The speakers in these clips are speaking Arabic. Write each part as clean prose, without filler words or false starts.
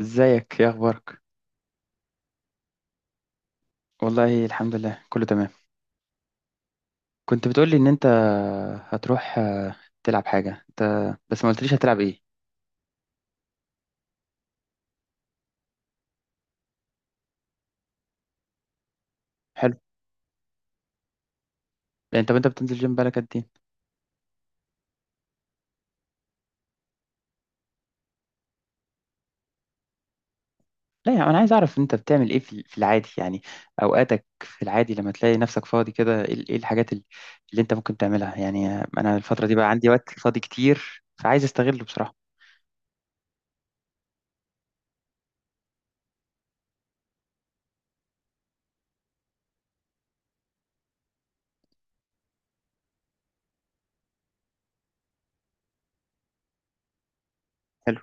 ازيك، ايه اخبارك؟ والله الحمد لله، كله تمام. كنت بتقولي ان انت هتروح، تلعب حاجه. انت بس ما قلتليش هتلعب ايه. حلو. يعني طب انت بتنزل جيم بقالك قد ايه؟ لا يعني انا عايز اعرف انت بتعمل ايه في العادي يعني. اوقاتك في العادي لما تلاقي نفسك فاضي كده، ايه ال- إيه الحاجات ال- اللي انت ممكن تعملها؟ يعني آه، انا الفتره دي بقى عندي وقت فاضي كتير فعايز استغله بصراحه. حلو.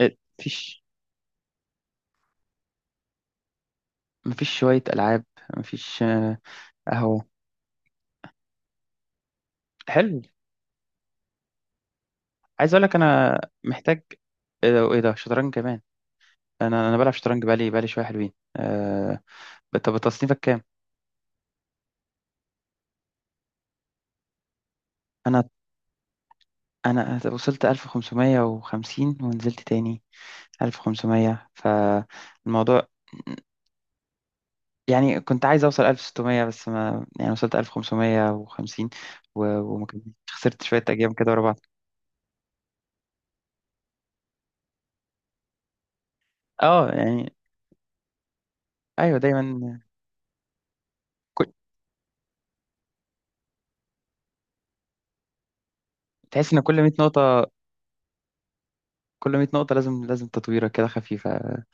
إيه، مفيش؟ مفيش شويه العاب؟ مفيش قهوه؟ حلو. عايز اقول لك انا محتاج. ايه ده؟ إيه ده؟ شطرنج كمان؟ انا بلعب شطرنج بقالي شويه حلوين طب تصنيفك كام؟ انا انا وصلت 1550 ونزلت تاني 1500 فالموضوع. يعني كنت عايز اوصل 1600 بس ما يعني وصلت 1550 و- وما كملتش، خسرت شويه ايام كده ورا بعض. اه يعني ايوه دايما. كل... تحس ان كل 100 نقطه، كل 100 نقطه لازم لازم تطويره كده خفيفه.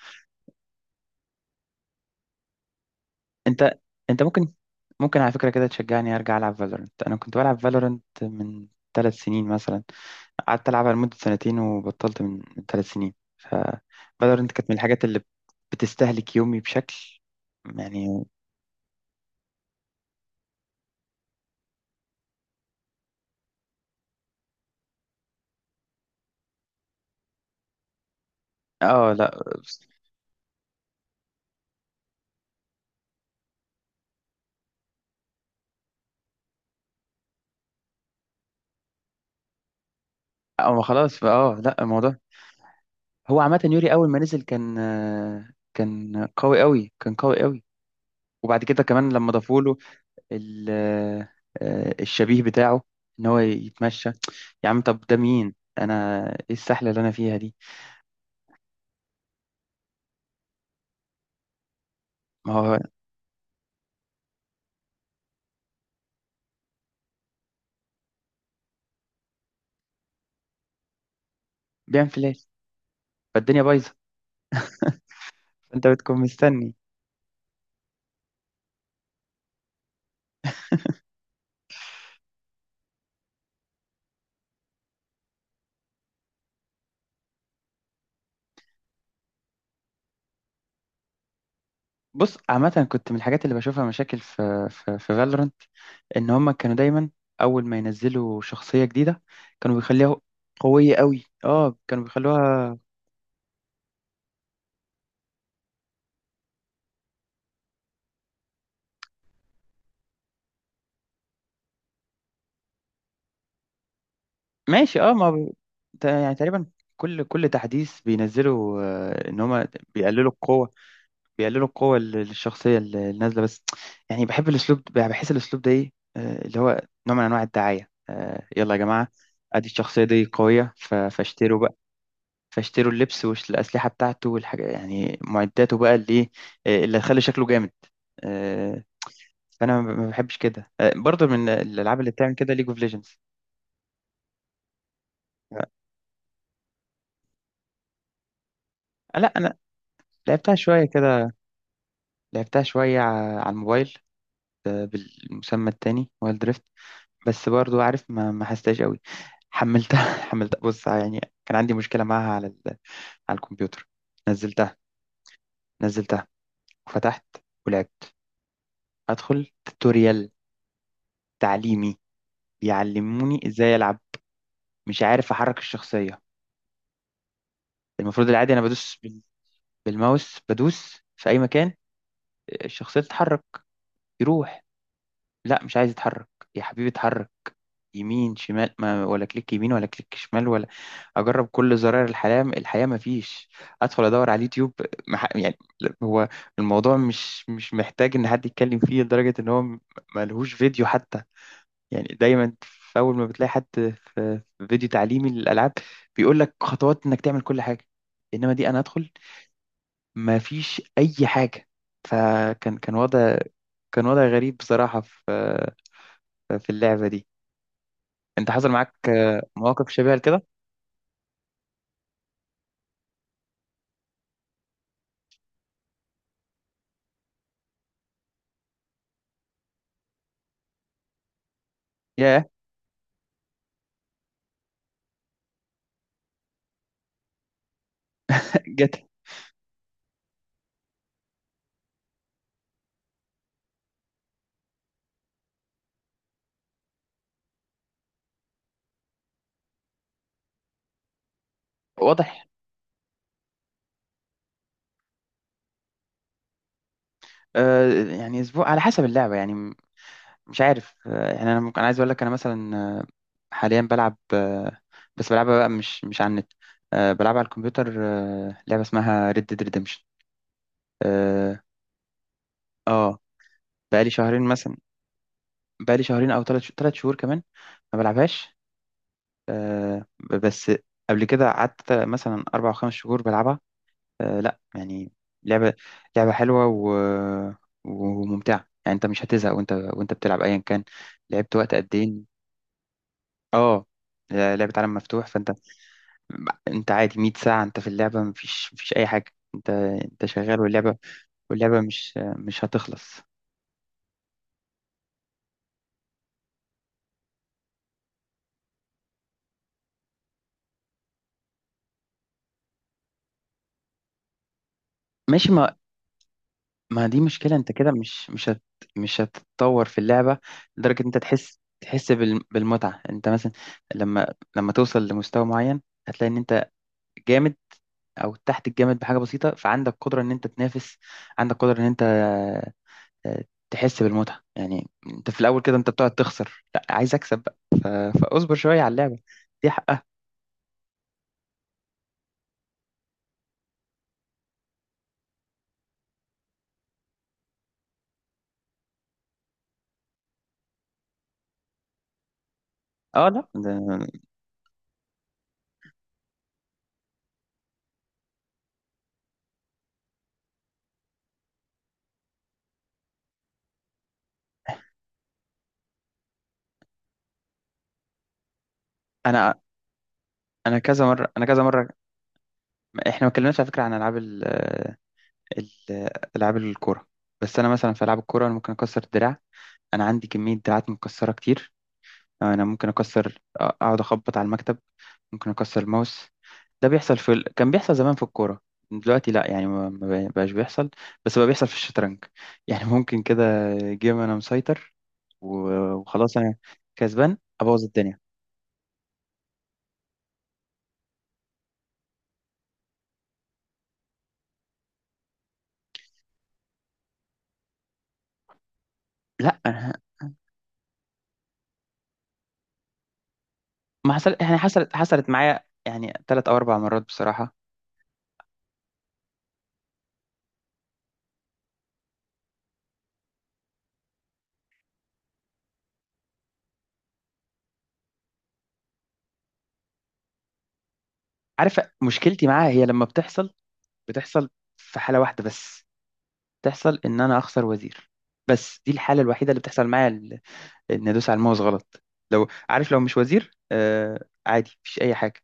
انت انت ممكن، ممكن على فكرة كده تشجعني ارجع العب فالورنت. انا كنت بلعب فالورنت من ثلاث سنين مثلا، قعدت العبها لمدة سنتين وبطلت من ثلاث سنين ف فالورنت كانت من الحاجات اللي بتستهلك يومي بشكل يعني. اه لا. اه خلاص بقى. اه لا، الموضوع هو عامة يوري اول ما نزل كان، كان قوي قوي، كان قوي قوي. وبعد كده كمان لما ضافوا له ال- الشبيه بتاعه ان هو يتمشى. يا عم طب ده مين؟ انا ايه السحله اللي انا فيها دي؟ ما هو بيعمل فلاش، فالدنيا بايظه. فانت بتكون مستني. بص، عامه كنت من الحاجات اللي بشوفها مشاكل في فالورنت ان هم كانوا دايما اول ما ينزلوا شخصيه جديده كانوا بيخليها قويه قوي. اه كانوا بيخلوها. ماشي. اه ما هو ده يعني تقريبا كل تحديث بينزلوا، ان هم بيقللوا القوه، بيقللوا القوة ال- الشخصية ال- النازلة بس. يعني بحب الأسلوب ده- بحس الأسلوب ده إيه، اللي هو نوع من أنواع الدعاية. يلا يا جماعة، أدي الشخصية دي قوية ف- فاشتروا بقى، فاشتروا اللبس والأسلحة بتاعته والحاجة يعني معداته بقى اللي إيه، اللي هتخلي شكله جامد. آه، فأنا ما بحبش كده، برضه من الألعاب اللي بتعمل كده ليج اوف ليجندز. لا أنا لعبتها شوية كده، لعبتها شوية ع- على الموبايل، بالمسمى التاني وايلد. بس برضو عارف ما حستهاش قوي. حملتها حملتها. بص يعني كان عندي مشكلة معاها على ال... على الكمبيوتر. نزلتها، نزلتها وفتحت ولعبت، ادخل توتوريال تعليمي بيعلموني ازاي العب. مش عارف احرك الشخصية. المفروض العادي انا بدوس بال... بالماوس، بدوس في اي مكان الشخصية تتحرك، يروح. لا مش عايز يتحرك. يا حبيبي اتحرك يمين شمال. ما ولا كليك يمين ولا كليك شمال ولا، اجرب كل زراير الحياه، الحياه ما فيش. ادخل ادور على اليوتيوب. مح... يعني لا، هو الموضوع مش محتاج ان حد يتكلم فيه لدرجه ان هو م- ملهوش فيديو حتى. يعني دايما في اول ما بتلاقي حد في في فيديو تعليمي للالعاب بيقول لك خطوات انك تعمل كل حاجه. انما دي انا ادخل ما فيش اي حاجه. فكان كان وضع، كان وضع غريب بصراحه في في اللعبه دي. انت حصل معاك مواقف شبيهه لكده؟ يا جت. واضح. آه يعني اسبوع على حسب اللعبه يعني م- مش عارف. آه يعني انا ممكن، أنا عايز اقول لك انا مثلا حاليا بلعب آه، بس بلعبها بقى مش على النت. آه بلعب على الكمبيوتر. آه لعبه اسمها ريد ديد ريدمشن. اه آه، بقالي شهرين مثلا، بقالي شهرين او ثلاث شهور كمان ما بلعبهاش. آه ب- بس قبل كده قعدت مثلا اربع او خمس شهور بلعبها. آه لا يعني لعبة، لعبة حلوة و... وممتعة، يعني انت مش هتزهق وانت بتلعب ايا كان. لعبت وقت قد ايه؟ اه لعبة عالم مفتوح، فانت انت عادي 100 ساعة انت في اللعبة مفيش، مفيش اي حاجة. انت شغال واللعبة، واللعبة مش هتخلص. ماشي. ما ما دي مشكلة، انت كده مش هت مش هتتطور في اللعبة لدرجة انت تحس، تحس بال- بالمتعة. انت مثلا لما لما توصل لمستوى معين هتلاقي ان انت جامد او تحت الجامد بحاجه بسيطه، فعندك قدره ان انت تنافس، عندك قدره ان انت، آه، تحس بالمتعه. يعني انت في الاول كده انت بتقعد تخسر، لا عايز اكسب بقى. ف- فاصبر شويه على اللعبه، دي حقها. اه لا ده- انا، انا كذا مره، انا كذا مره. احنا ما اتكلمناش على فكره عن العاب ال- ال- العاب الكوره. بس انا مثلا في العاب الكوره انا ممكن اكسر الدراع. انا عندي كميه دراعات مكسره كتير. انا ممكن اكسر اقعد اخبط على المكتب، ممكن اكسر الماوس. ده بيحصل في ال... كان بيحصل زمان في الكوره. دلوقتي لا يعني ما بقاش بيحصل. بس بقى بيحصل في الشطرنج يعني ممكن كده جيم انا مسيطر و- وخلاص انا كسبان ابوظ الدنيا. لا أنا، ما حصل يعني، حصلت حصلت معايا يعني ثلاث او اربع مرات بصراحه. عارف مشكلتي معاها هي لما بتحصل، بتحصل في حاله واحده بس. تحصل ان انا اخسر وزير، بس دي الحاله الوحيده اللي بتحصل معايا، ان ادوس على الماوس غلط. لو عارف لو مش وزير آه عادي مفيش اي حاجه.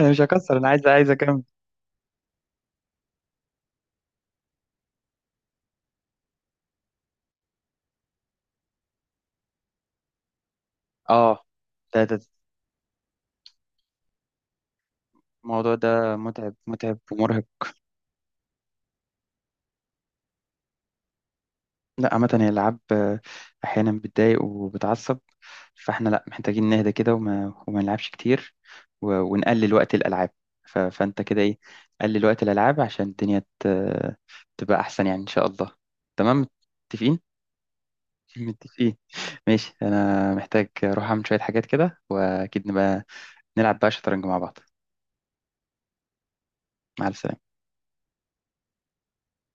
انا مش هكسر، انا عايز، عايز اكمل. اه ده ده الموضوع ده متعب، متعب ومرهق. لا عامه هي الالعاب، احيانا بتضايق وبتعصب. فاحنا لا محتاجين نهدى كده وما نلعبش كتير و- ونقلل وقت الالعاب. ف... فانت كده ايه، قلل وقت الالعاب عشان الدنيا ت... تبقى احسن يعني ان شاء الله. تمام. متفقين. متفقين. ماشي انا محتاج اروح اعمل شوية حاجات كده. واكيد نبقى نلعب بقى شطرنج مع بعض. مع السلامة.